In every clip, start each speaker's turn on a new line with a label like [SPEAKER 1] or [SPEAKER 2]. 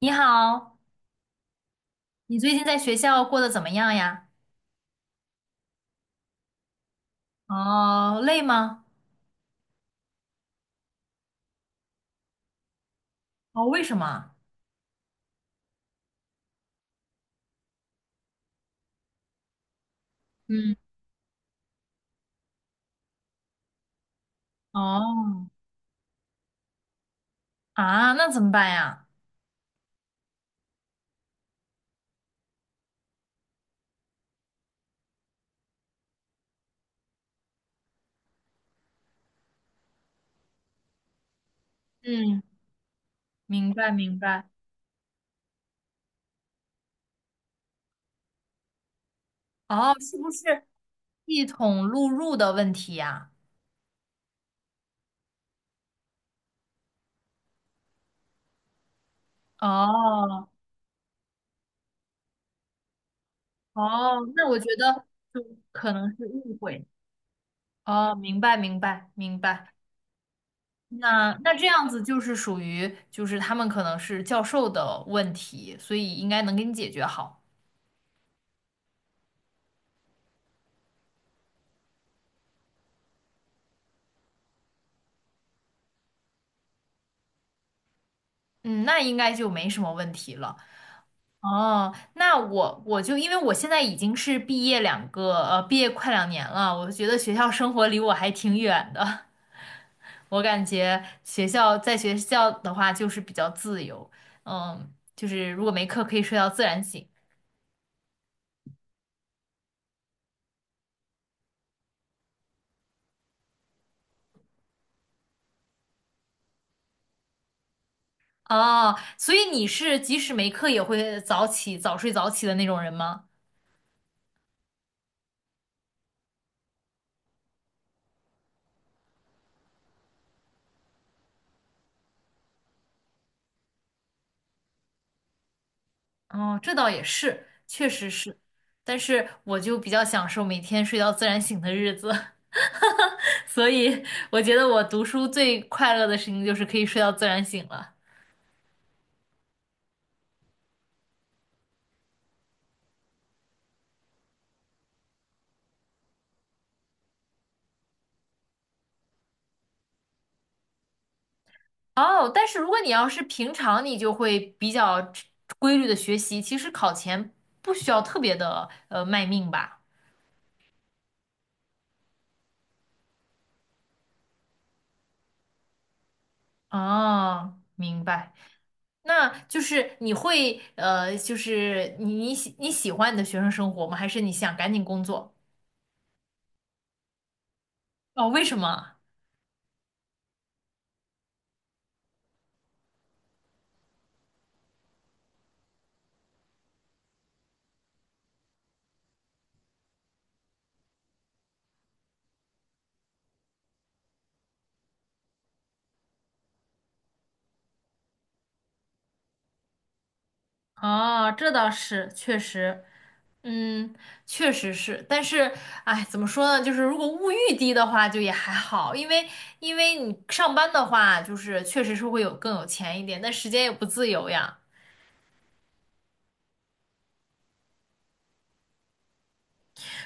[SPEAKER 1] 你好，你最近在学校过得怎么样呀？哦，累吗？哦，为什么？嗯，哦，啊，那怎么办呀？嗯，明白明白，哦，是不是系统录入的问题呀？哦，哦，那我觉得就可能是误会。哦，明白明白明白。那这样子就是属于就是他们可能是教授的问题，所以应该能给你解决好。嗯，那应该就没什么问题了。哦，那我就因为我现在已经是毕业快2年了，我觉得学校生活离我还挺远的。我感觉学校在学校的话就是比较自由，嗯，就是如果没课可以睡到自然醒。哦，所以你是即使没课也会早起、早睡早起的那种人吗？哦，这倒也是，确实是，但是我就比较享受每天睡到自然醒的日子，所以我觉得我读书最快乐的事情就是可以睡到自然醒了。哦，但是如果你要是平常，你就会比较规律的学习，其实考前不需要特别的卖命吧。哦，明白。那就是就是你喜欢你的学生生活吗？还是你想赶紧工作？哦，为什么？哦，这倒是，确实，嗯，确实是，但是，哎，怎么说呢？就是如果物欲低的话，就也还好，因为你上班的话，就是确实是会有更有钱一点，但时间也不自由呀，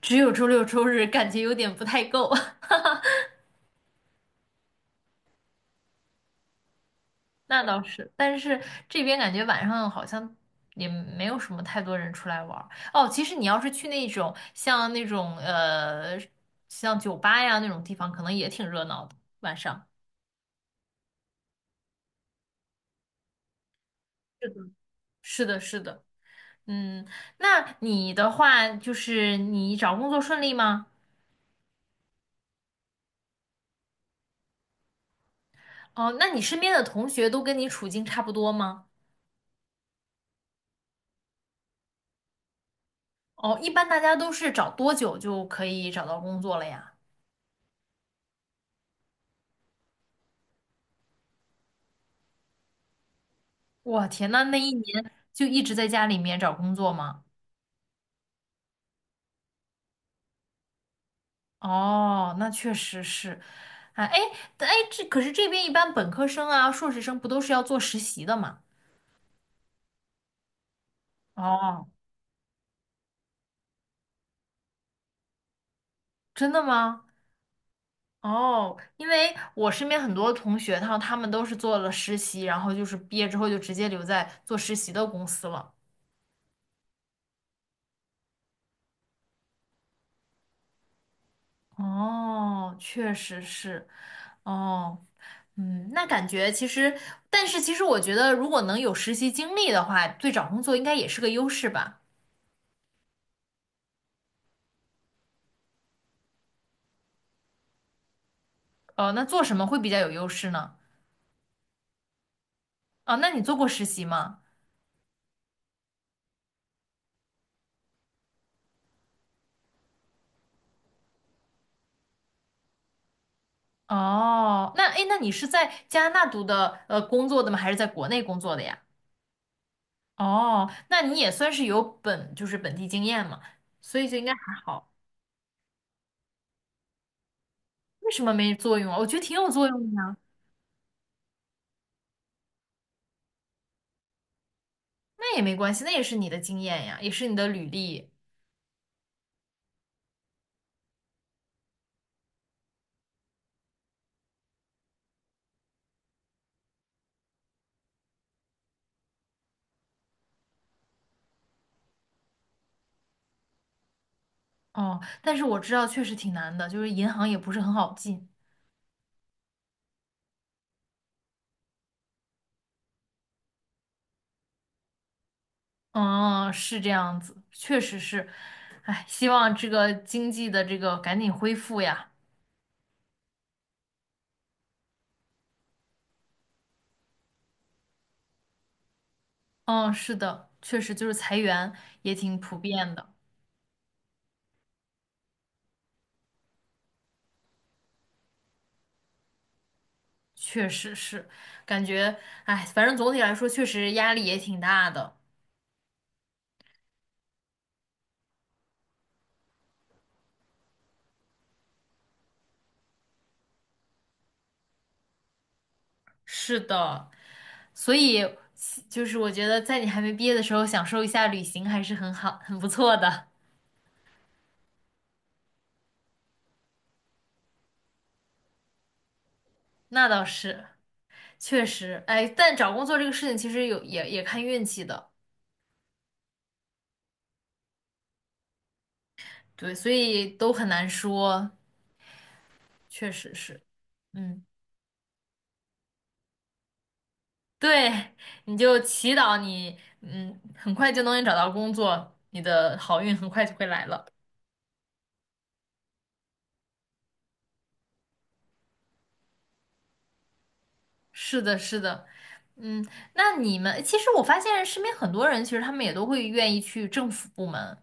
[SPEAKER 1] 只有周六周日，感觉有点不太够。那倒是，但是这边感觉晚上好像也没有什么太多人出来玩儿。哦，其实你要是去那种像那种像酒吧呀那种地方，可能也挺热闹的晚上。是的，是的，嗯，那你的话就是你找工作顺利吗？哦，那你身边的同学都跟你处境差不多吗？哦，一般大家都是找多久就可以找到工作了呀？我天呐，那1年就一直在家里面找工作吗？哦，那确实是，啊，哎，但哎，这可是这边一般本科生啊、硕士生不都是要做实习的吗？哦，真的吗？哦，因为我身边很多同学，他们都是做了实习，然后就是毕业之后就直接留在做实习的公司了。哦，确实是。哦，嗯，那感觉其实，但是其实我觉得，如果能有实习经历的话，对找工作应该也是个优势吧？呃，那做什么会比较有优势呢？哦，那你做过实习吗？哦，那诶，那你是在加拿大读的工作的吗？还是在国内工作的呀？哦，那你也算是有本，就是本地经验嘛，所以就应该还好。为什么没作用啊？我觉得挺有作用的呀。那也没关系，那也是你的经验呀，也是你的履历。哦，但是我知道确实挺难的，就是银行也不是很好进。哦，是这样子，确实是。哎，希望这个经济的这个赶紧恢复呀。嗯，是的，确实就是裁员也挺普遍的，确实是，感觉，哎，反正总体来说确实压力也挺大的。是的，所以就是我觉得在你还没毕业的时候，享受一下旅行还是很好，很不错的。那倒是，确实，哎，但找工作这个事情其实有也也看运气的，对，所以都很难说，确实是，嗯，对，你就祈祷你，嗯，很快就能找到工作，你的好运很快就会来了。是的，是的。嗯，那你们其实我发现身边很多人，其实他们也都会愿意去政府部门，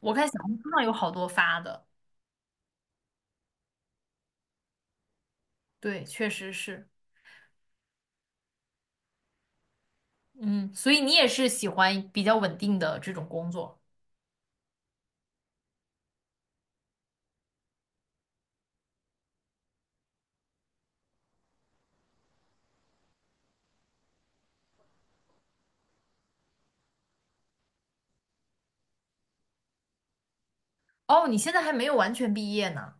[SPEAKER 1] 我看小红书上有好多发的，对，确实是，嗯，所以你也是喜欢比较稳定的这种工作。哦，你现在还没有完全毕业呢。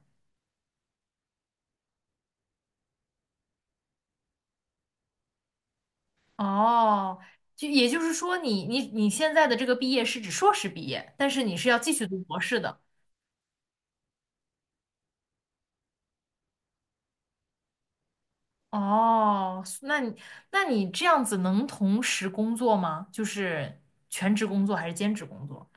[SPEAKER 1] 哦，就也就是说你，你你现在的这个毕业是指硕士毕业，但是你是要继续读博士的。哦，那你这样子能同时工作吗？就是全职工作还是兼职工作？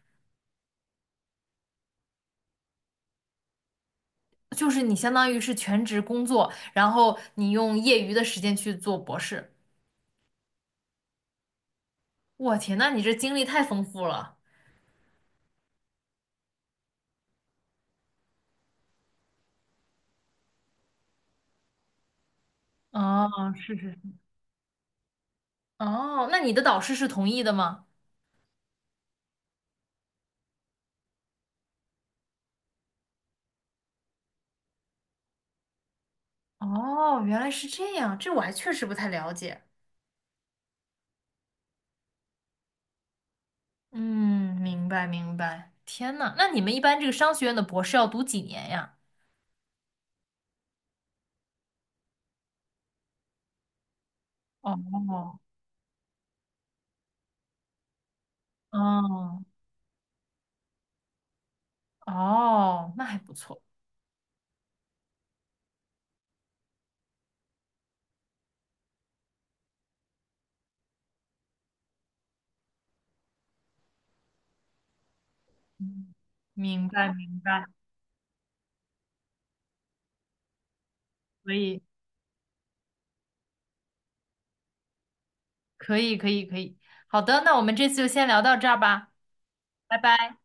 [SPEAKER 1] 就是你相当于是全职工作，然后你用业余的时间去做博士。我天，那你这经历太丰富了。哦，是是是，哦，那你的导师是同意的吗？哦，原来是这样，这我还确实不太了解。嗯，明白明白。天呐，那你们一般这个商学院的博士要读几年呀？哦哦哦，那还不错。明白明白，可以可以可以可以，好的，那我们这次就先聊到这儿吧，拜拜。